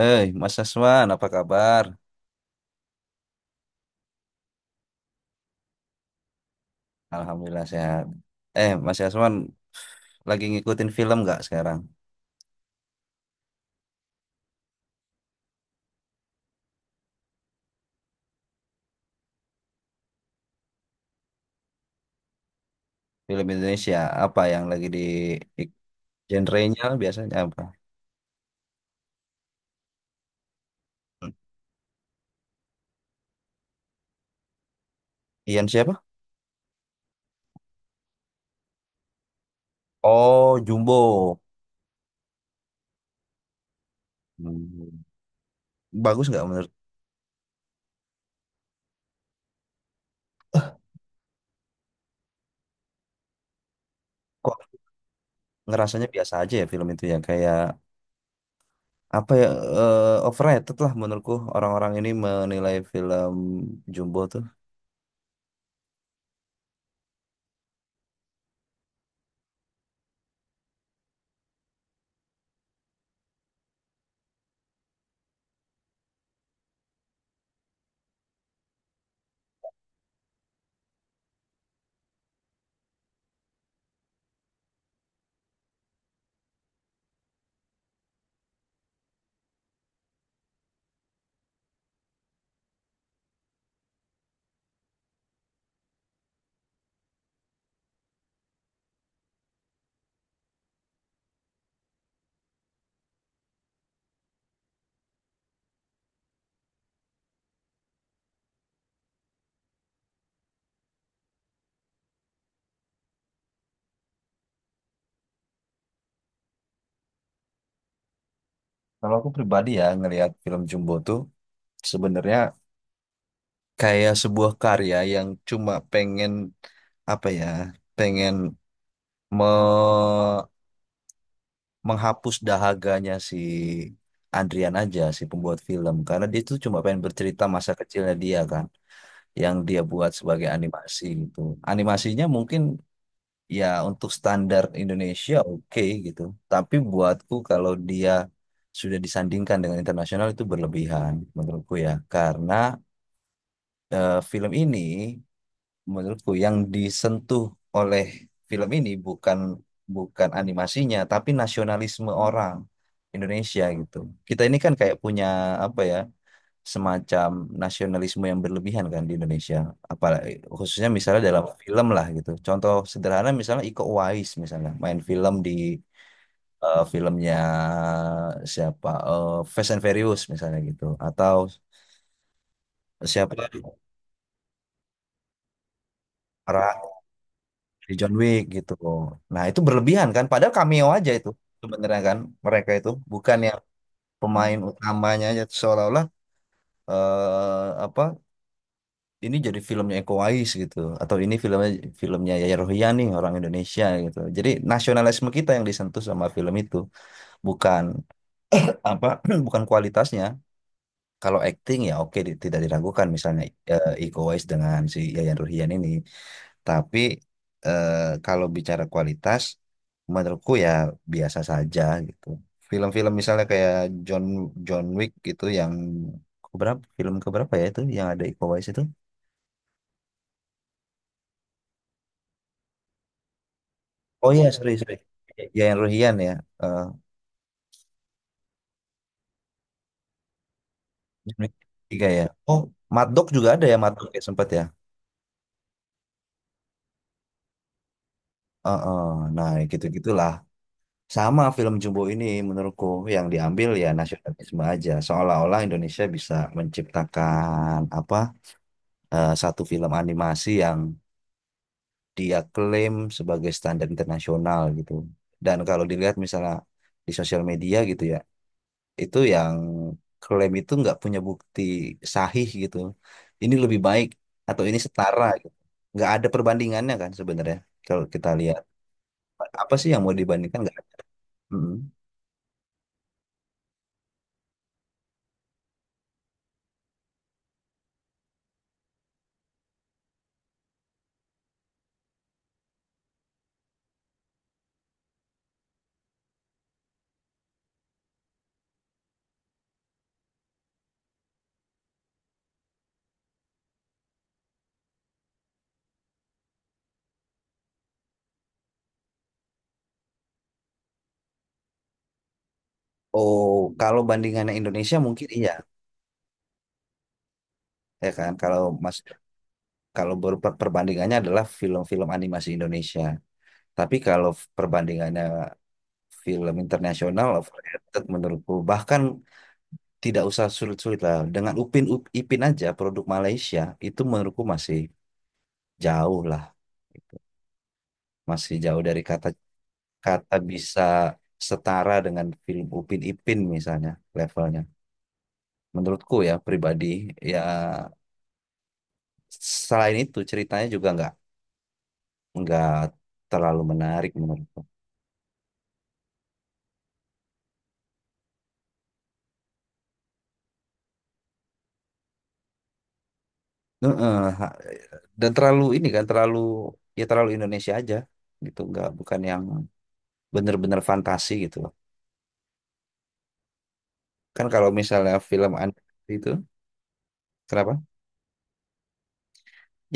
Mas Aswan, apa kabar? Alhamdulillah sehat. Mas Aswan, lagi ngikutin film nggak sekarang? Film Indonesia, apa yang lagi di- genre-nya biasanya apa? Hmm, Ian siapa? Oh, Jumbo. Hmm, bagus nggak menurut? Kok ngerasanya biasa aja ya film itu ya? Kayak apa ya? eh, Overrated lah menurutku orang-orang ini menilai film Jumbo tuh. Kalau aku pribadi ya ngelihat film Jumbo tuh sebenarnya kayak sebuah karya yang cuma pengen apa ya pengen me- menghapus dahaganya si Andrian aja si pembuat film karena dia tuh cuma pengen bercerita masa kecilnya dia kan yang dia buat sebagai animasi gitu. Animasinya mungkin ya untuk standar Indonesia oke gitu, tapi buatku kalau dia sudah disandingkan dengan internasional itu berlebihan menurutku ya, karena film ini menurutku yang disentuh oleh film ini bukan bukan animasinya tapi nasionalisme orang Indonesia gitu. Kita ini kan kayak punya apa ya semacam nasionalisme yang berlebihan kan di Indonesia. Apalagi khususnya misalnya dalam film lah gitu. Contoh sederhana misalnya Iko Uwais misalnya main film di filmnya siapa, Fast and Furious misalnya gitu atau siapa, Ra di John Wick gitu. Nah, itu berlebihan kan? Padahal cameo aja itu sebenarnya kan mereka itu bukan yang pemain utamanya, aja seolah-olah apa ini jadi filmnya Eko Wais gitu atau ini filmnya filmnya Yaya Rohiani orang Indonesia gitu. Jadi nasionalisme kita yang disentuh sama film itu bukan apa, bukan kualitasnya. Kalau acting ya oke, tidak diragukan misalnya Iko Uwais dengan si Yayan Ruhian ini. Tapi eh, kalau bicara kualitas, menurutku ya biasa saja gitu. Film-film misalnya kayak John John Wick gitu yang keberapa, film keberapa ya itu yang ada Iko Uwais itu? Oh iya, sorry sorry. Ya yang Ruhian ya. Eh, John Wick tiga ya. Oh, Mad Dog juga ada ya, Mad Dog ya sempat ya. Heeh, nah, gitu-gitulah. Sama film Jumbo ini menurutku yang diambil ya nasionalisme aja. Seolah-olah Indonesia bisa menciptakan apa? Satu film animasi yang dia klaim sebagai standar internasional gitu. Dan kalau dilihat misalnya di sosial media gitu ya, itu yang klaim itu nggak punya bukti sahih gitu. Ini lebih baik atau ini setara gitu. Nggak ada perbandingannya kan sebenarnya kalau kita lihat. Apa sih yang mau dibandingkan, nggak ada. Mm. Oh, kalau bandingannya Indonesia mungkin iya, ya kan? Kalau mas, perbandingannya adalah film-film animasi Indonesia. Tapi kalau perbandingannya film internasional, overrated menurutku, bahkan tidak usah sulit-sulit lah. Dengan Ipin aja produk Malaysia itu menurutku masih jauh lah gitu. Masih jauh dari kata kata bisa setara dengan film Upin Ipin misalnya levelnya. Menurutku ya pribadi ya, selain itu ceritanya juga nggak terlalu menarik menurutku. Heeh, dan terlalu ini kan, terlalu ya terlalu Indonesia aja gitu, nggak, bukan yang bener-bener fantasi gitu loh, kan kalau misalnya film animasi itu kenapa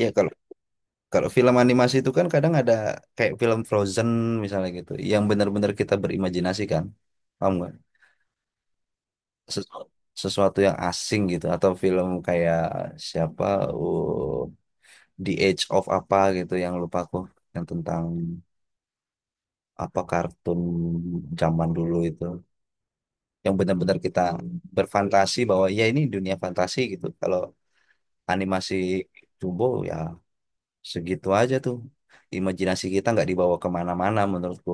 ya, kalau kalau film animasi itu kan kadang ada kayak film Frozen misalnya gitu yang bener-bener kita berimajinasi kan, paham nggak? Sesu- Sesuatu yang asing gitu, atau film kayak siapa, oh, The Age of apa gitu yang lupa aku, yang tentang apa kartun zaman dulu itu yang benar-benar kita berfantasi bahwa ya ini dunia fantasi gitu. Kalau animasi Jumbo ya segitu aja tuh. Imajinasi kita nggak dibawa kemana-mana menurutku.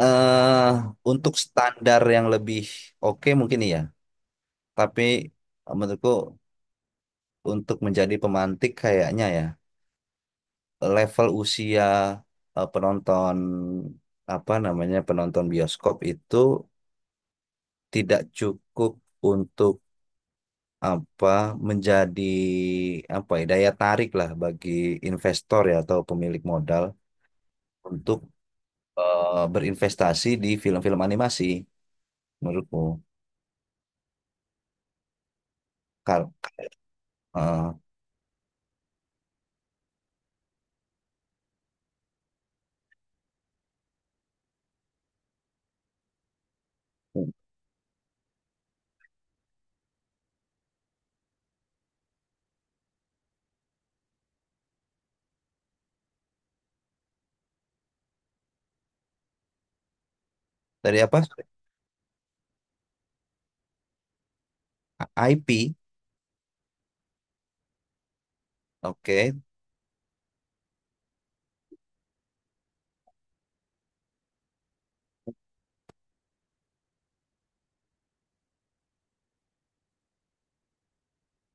Eh untuk standar yang lebih oke mungkin iya. Tapi menurutku untuk menjadi pemantik kayaknya ya level usia penonton apa namanya penonton bioskop itu tidak cukup untuk apa menjadi apa ya daya tarik lah bagi investor ya atau pemilik modal untuk berinvestasi di film-film animasi menurutku. Kar eh, dari apa? IP. Oke.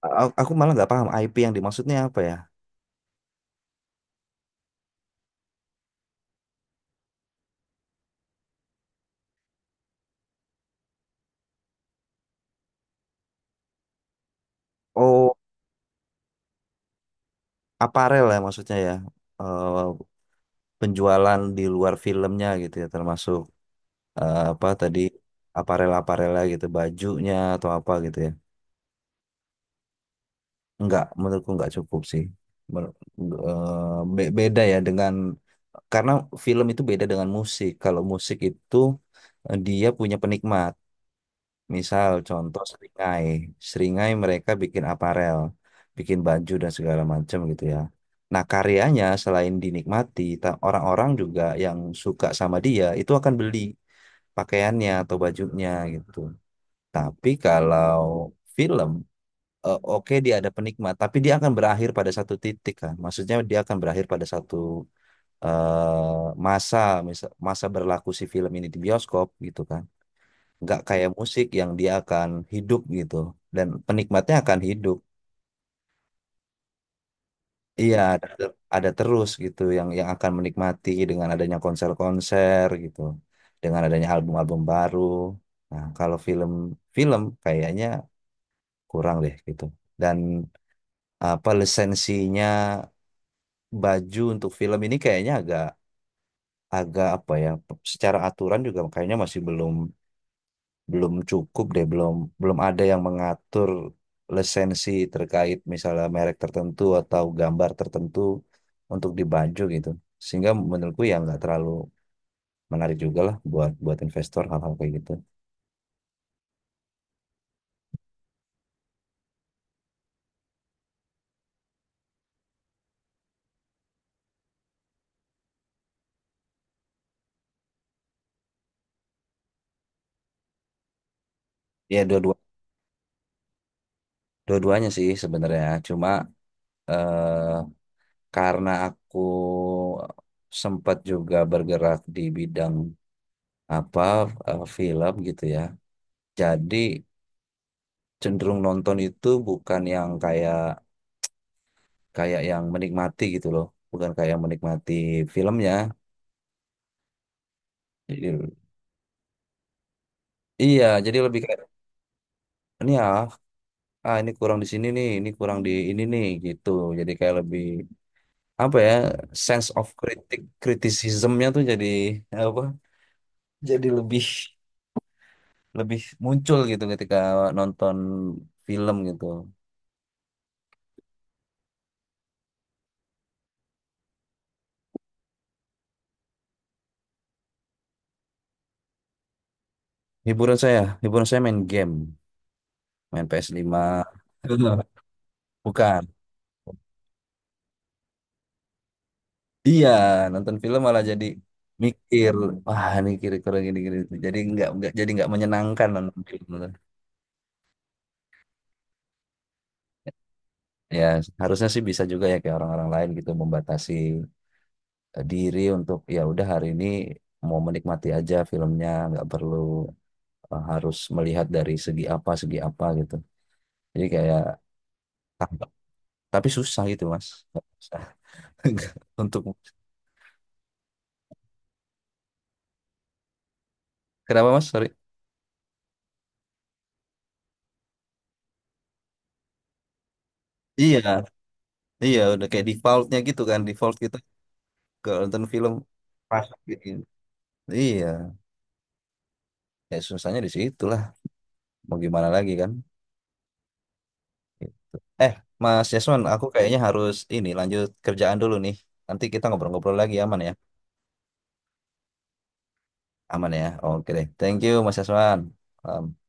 Aku malah nggak paham IP yang dimaksudnya apa ya. Oh, aparel ya maksudnya ya. Eh, penjualan di luar filmnya gitu ya, termasuk apa tadi aparel-aparelnya gitu, bajunya atau apa gitu ya. Enggak, menurutku enggak cukup sih. Mer- beda ya dengan karena film itu beda dengan musik. Kalau musik itu dia punya penikmat. Misal contoh seringai. Seringai mereka bikin aparel, bikin baju dan segala macam gitu ya. Nah, karyanya selain dinikmati, orang-orang juga yang suka sama dia itu akan beli pakaiannya atau bajunya gitu. Tapi kalau film oke dia ada penikmat, tapi dia akan berakhir pada satu titik kan. Maksudnya dia akan berakhir pada satu masa, masa berlaku si film ini di bioskop gitu kan. Nggak kayak musik yang dia akan hidup gitu dan penikmatnya akan hidup. Iya, ada, ada terus gitu yang akan menikmati dengan adanya konser-konser gitu, dengan adanya album-album baru. Nah, kalau film-film kayaknya kurang deh gitu. Dan apa lisensinya baju untuk film ini kayaknya agak agak apa ya, secara aturan juga kayaknya masih belum, belum cukup deh, belum belum ada yang mengatur lisensi terkait misalnya merek tertentu atau gambar tertentu untuk di baju gitu, sehingga menurutku ya nggak terlalu menarik juga lah buat buat investor hal-hal kayak gitu. Ya dua-dua, dua-duanya sih sebenarnya, cuma eh, karena aku sempat juga bergerak di bidang apa film gitu ya. Jadi cenderung nonton itu bukan yang kayak kayak yang menikmati gitu loh, bukan kayak yang menikmati filmnya. Jadi, iya, jadi lebih kayak ini ya, ah ini kurang di sini nih, ini kurang di ini nih gitu. Jadi kayak lebih apa ya, sense of kritik kritisismnya tuh jadi apa? Jadi lebih lebih muncul gitu ketika nonton film gitu. Hiburan saya main game. Main PS5, bukan, iya nonton film malah jadi mikir wah ini kira-kira gini gini, jadi nggak jadi nggak menyenangkan nonton film. Ya harusnya sih bisa juga ya kayak orang-orang lain gitu membatasi diri untuk ya udah hari ini mau menikmati aja filmnya, nggak perlu harus melihat dari segi apa gitu, jadi kayak, tapi susah gitu mas. Susah. Untuk kenapa mas sorry, iya, iya, udah kayak defaultnya gitu kan. Default kita kalau nonton film pas bikin. Iya, ya susahnya di situ lah. Mau gimana lagi kan? Gitu. Eh, Mas Yasman, aku kayaknya harus ini lanjut kerjaan dulu nih. Nanti kita ngobrol-ngobrol lagi aman ya? Aman ya. Oke deh. Thank you Mas Yasman. Um,